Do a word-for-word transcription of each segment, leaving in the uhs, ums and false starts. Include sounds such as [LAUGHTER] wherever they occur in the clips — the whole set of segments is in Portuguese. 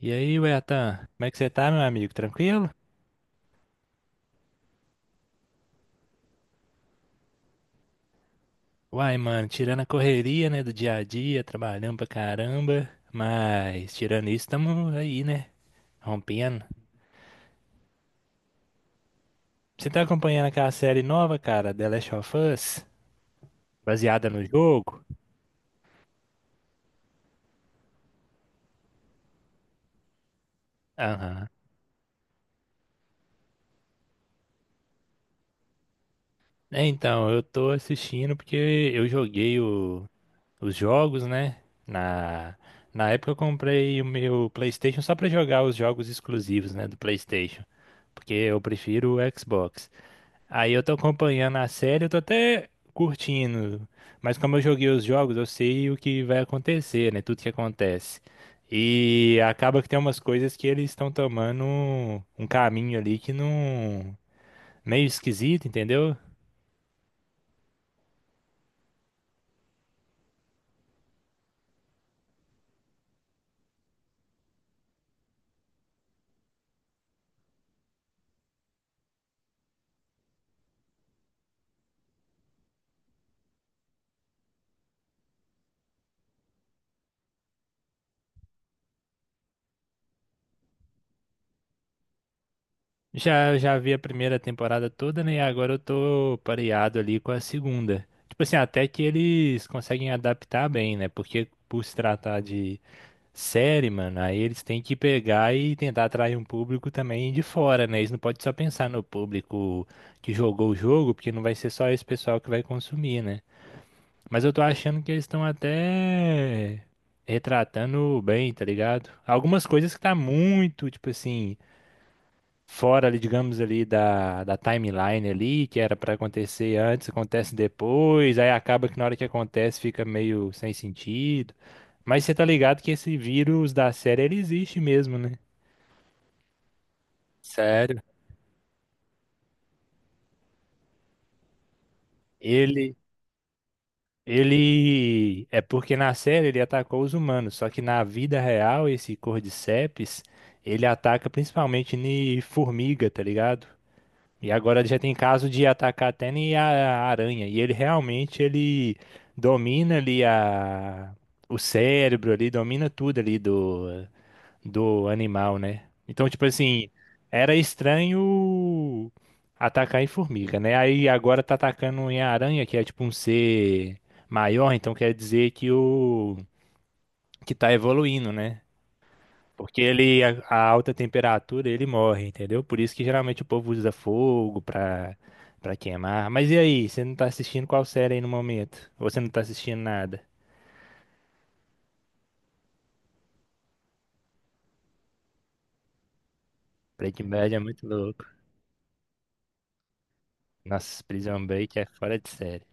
E aí, Wetan, como é que você tá, meu amigo? Tranquilo? Uai, mano, tirando a correria, né, do dia a dia, trabalhando pra caramba, mas tirando isso, tamo aí, né, rompendo. Você tá acompanhando aquela série nova, cara, The Last of Us, baseada no jogo? Aham. É, então, eu tô assistindo porque eu joguei o- os jogos, né, na... na época eu comprei o meu PlayStation só pra jogar os jogos exclusivos, né, do PlayStation, porque eu prefiro o Xbox. Aí eu tô acompanhando a série, eu tô até curtindo. Mas como eu joguei os jogos, eu sei o que vai acontecer, né? Tudo que acontece. E acaba que tem umas coisas que eles estão tomando um um caminho ali que não, meio esquisito, entendeu? Já, já vi a primeira temporada toda, né? E agora eu tô pareado ali com a segunda. Tipo assim, até que eles conseguem adaptar bem, né? Porque por se tratar de série, mano, aí eles têm que pegar e tentar atrair um público também de fora, né? Eles não podem só pensar no público que jogou o jogo, porque não vai ser só esse pessoal que vai consumir, né? Mas eu tô achando que eles estão até retratando bem, tá ligado? Algumas coisas que tá muito, tipo assim, fora ali, digamos ali da, da timeline ali, que era para acontecer antes, acontece depois, aí acaba que na hora que acontece fica meio sem sentido. Mas você tá ligado que esse vírus da série ele existe mesmo, né? Sério? Ele ele é porque na série ele atacou os humanos, só que na vida real esse Cordyceps, ele ataca principalmente em formiga, tá ligado? E agora já tem caso de atacar até nem a a aranha. E ele realmente ele domina ali a, o cérebro ali, domina tudo ali do, do animal, né? Então, tipo assim, era estranho atacar em formiga, né? Aí agora tá atacando em aranha, que é tipo um ser maior, então quer dizer que o que tá evoluindo, né? Porque ele, a, a alta temperatura, ele morre, entendeu? Por isso que geralmente o povo usa fogo pra, pra queimar. Mas e aí, você não tá assistindo qual série aí no momento? Ou você não tá assistindo nada? Breaking Bad é muito louco. Nossa, Prison Break é fora de série.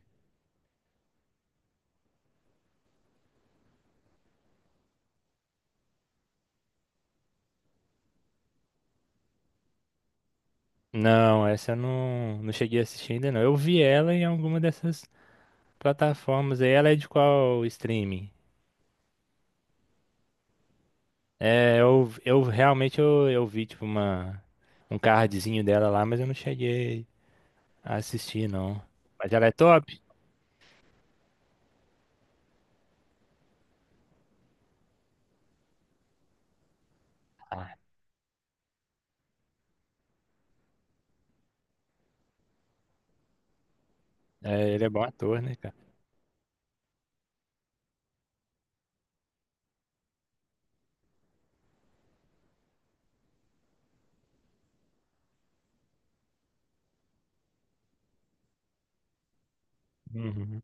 Não, essa eu não, não cheguei a assistir ainda não. Eu vi ela em alguma dessas plataformas aí. Ela é de qual streaming? É, eu, eu realmente eu, eu vi tipo uma, um cardzinho dela lá, mas eu não cheguei. Ah, assisti, não. Mas ela é top? Ah, é, ele é bom ator, né, cara? Uhum.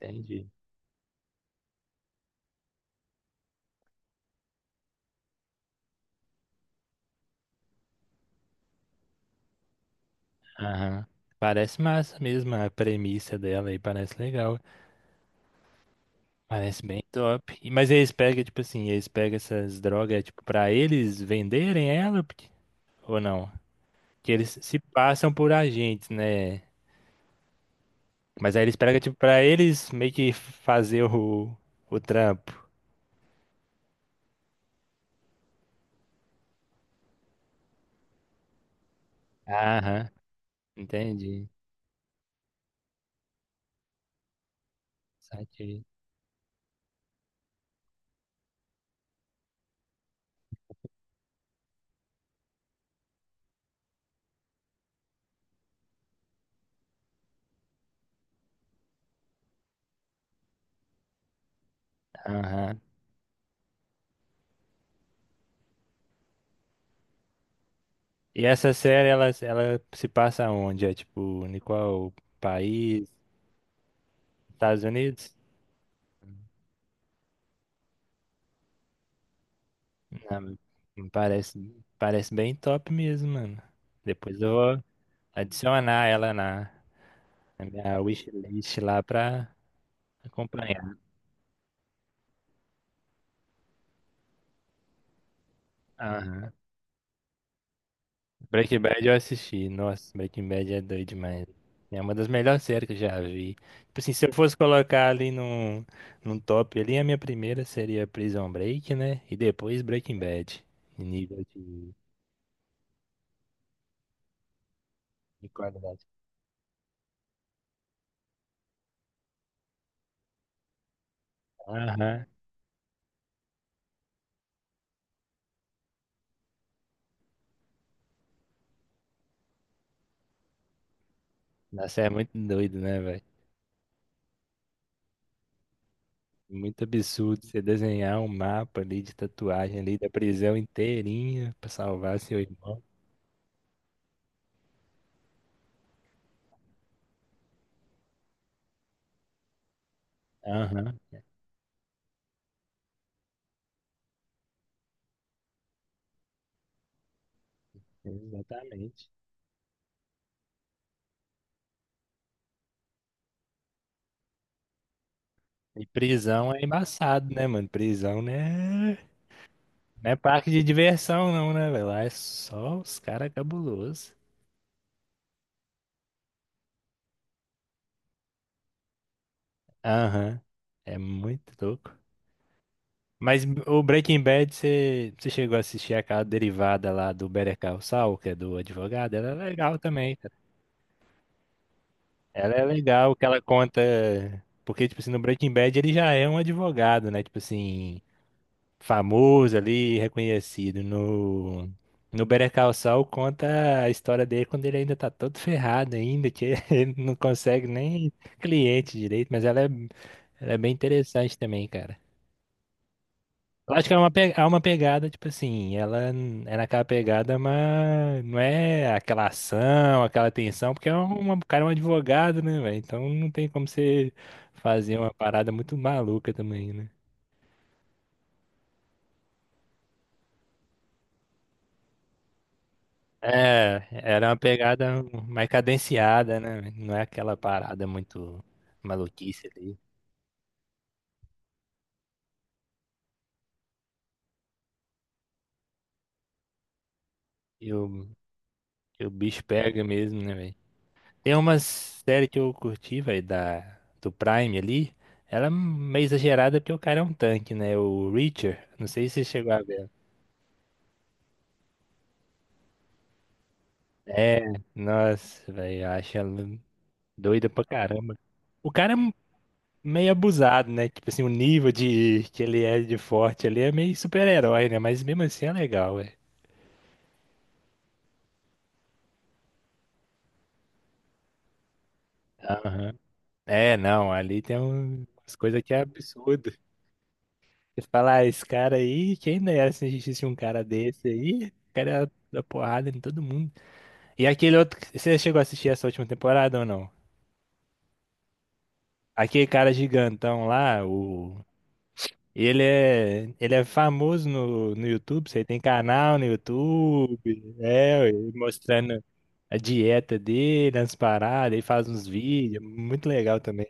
Entendi. Aham. Parece massa mesmo a premissa dela aí, parece legal. Parece bem top. E mas eles pegam, tipo assim, eles pegam essas drogas, é, tipo, pra eles venderem ela porque, ou não? Que eles se passam por agentes, né? Mas aí eles pegam, tipo, pra eles meio que fazer o, o trampo. Aham, entendi. Saquei. Aham. E essa série, ela, ela se passa onde? É tipo, em qual país? Estados Unidos? Não, parece, parece bem top mesmo, mano. Depois eu vou adicionar ela na, na minha wishlist lá pra acompanhar. Aham. Breaking Bad eu assisti. Nossa, Breaking Bad é doido demais. É uma das melhores séries que eu já vi. Tipo assim, se eu fosse colocar ali num, num top ali, a minha primeira seria Prison Break, né? E depois Breaking Bad. Em nível de de qualidade. Aham. Nossa, é muito doido, né, velho? Muito absurdo você desenhar um mapa ali de tatuagem ali da prisão inteirinha pra salvar seu irmão. Aham, exatamente. E prisão é embaçado, né, mano? Prisão, né? Não é parque de diversão, não, né, velho? Lá é só os caras cabulosos. Aham, é muito louco. Mas o Breaking Bad, você você chegou a assistir aquela derivada lá do Better Call Saul, que é do advogado? Ela é legal também. Ela é legal que ela conta. Porque, tipo assim, no Breaking Bad ele já é um advogado, né? Tipo assim, famoso ali, reconhecido. No, no Better Call Saul conta a história dele quando ele ainda tá todo ferrado ainda, que [LAUGHS] ele não consegue nem cliente direito, mas ela é, ela é bem interessante também, cara. Eu acho que é uma, pe- é uma pegada, tipo assim, ela n- é naquela pegada, mas não é aquela ação, aquela tensão, porque é uma, o cara é um advogado, né, velho? Então não tem como você fazer uma parada muito maluca também, né? É, era uma pegada mais cadenciada, né, véi? Não é aquela parada muito maluquice ali. E o, e o bicho pega mesmo, né, velho? Tem uma série que eu curti, velho, da do Prime ali. Ela é meio exagerada porque o cara é um tanque, né? O Reacher. Não sei se você chegou a ver. É, nossa, velho, eu acho ela doida pra caramba. O cara é meio abusado, né? Tipo assim, o nível de que ele é de forte ali é meio super-herói, né? Mas mesmo assim é legal, velho. Aham. É, não, ali tem um- umas coisas que é absurdo. Você fala, ah, esse cara aí, quem dera se existisse um cara desse aí, o cara ia dar porrada em todo mundo. E aquele outro que- você chegou a assistir essa última temporada ou não? Aquele cara gigantão lá. O. Ele é, ele é famoso no, no YouTube, você tem canal no YouTube, é, ele mostrando a dieta dele, as paradas, ele faz uns vídeos, muito legal também.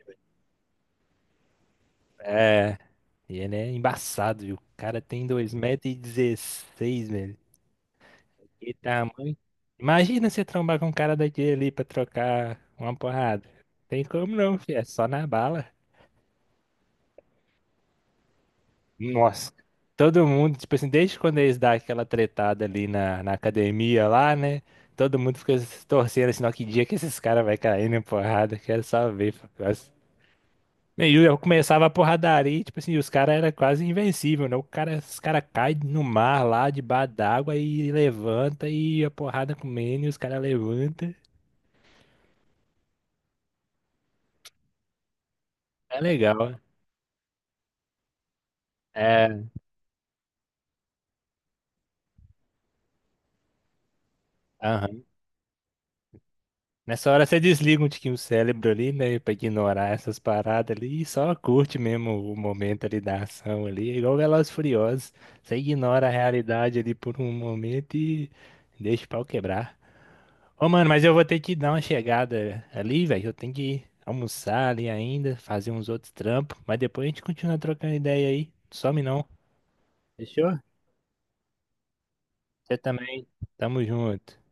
É, e ele é embaçado, viu? O cara tem dois metros e dezesseis, velho. Que tamanho. Imagina você trombar com um cara daquele ali pra trocar uma porrada. Tem como não, filho, é só na bala. Nossa, todo mundo, tipo assim, desde quando eles dão aquela tretada ali na, na academia lá, né? Todo mundo fica se torcendo assim, ó, que dia que esses caras vai cair na porrada, quero só ver. Mas, né, e eu começava a porradaria, e, tipo assim, os caras eram quase invencível, né? O cara, os caras caem no mar lá, debaixo d'água, e levanta, e a porrada comendo, e os caras levantam. É legal. É, aham, nessa hora você desliga um tiquinho o cérebro ali, né? Pra ignorar essas paradas ali e só curte mesmo o momento ali da ação ali. É igual Velozes e Furiosos. Você ignora a realidade ali por um momento e deixa o pau quebrar. Ô, mano, mas eu vou ter que dar uma chegada ali, velho. Eu tenho que almoçar ali ainda, fazer uns outros trampos. Mas depois a gente continua trocando ideia aí. Some não. Fechou? Você também. Tamo junto.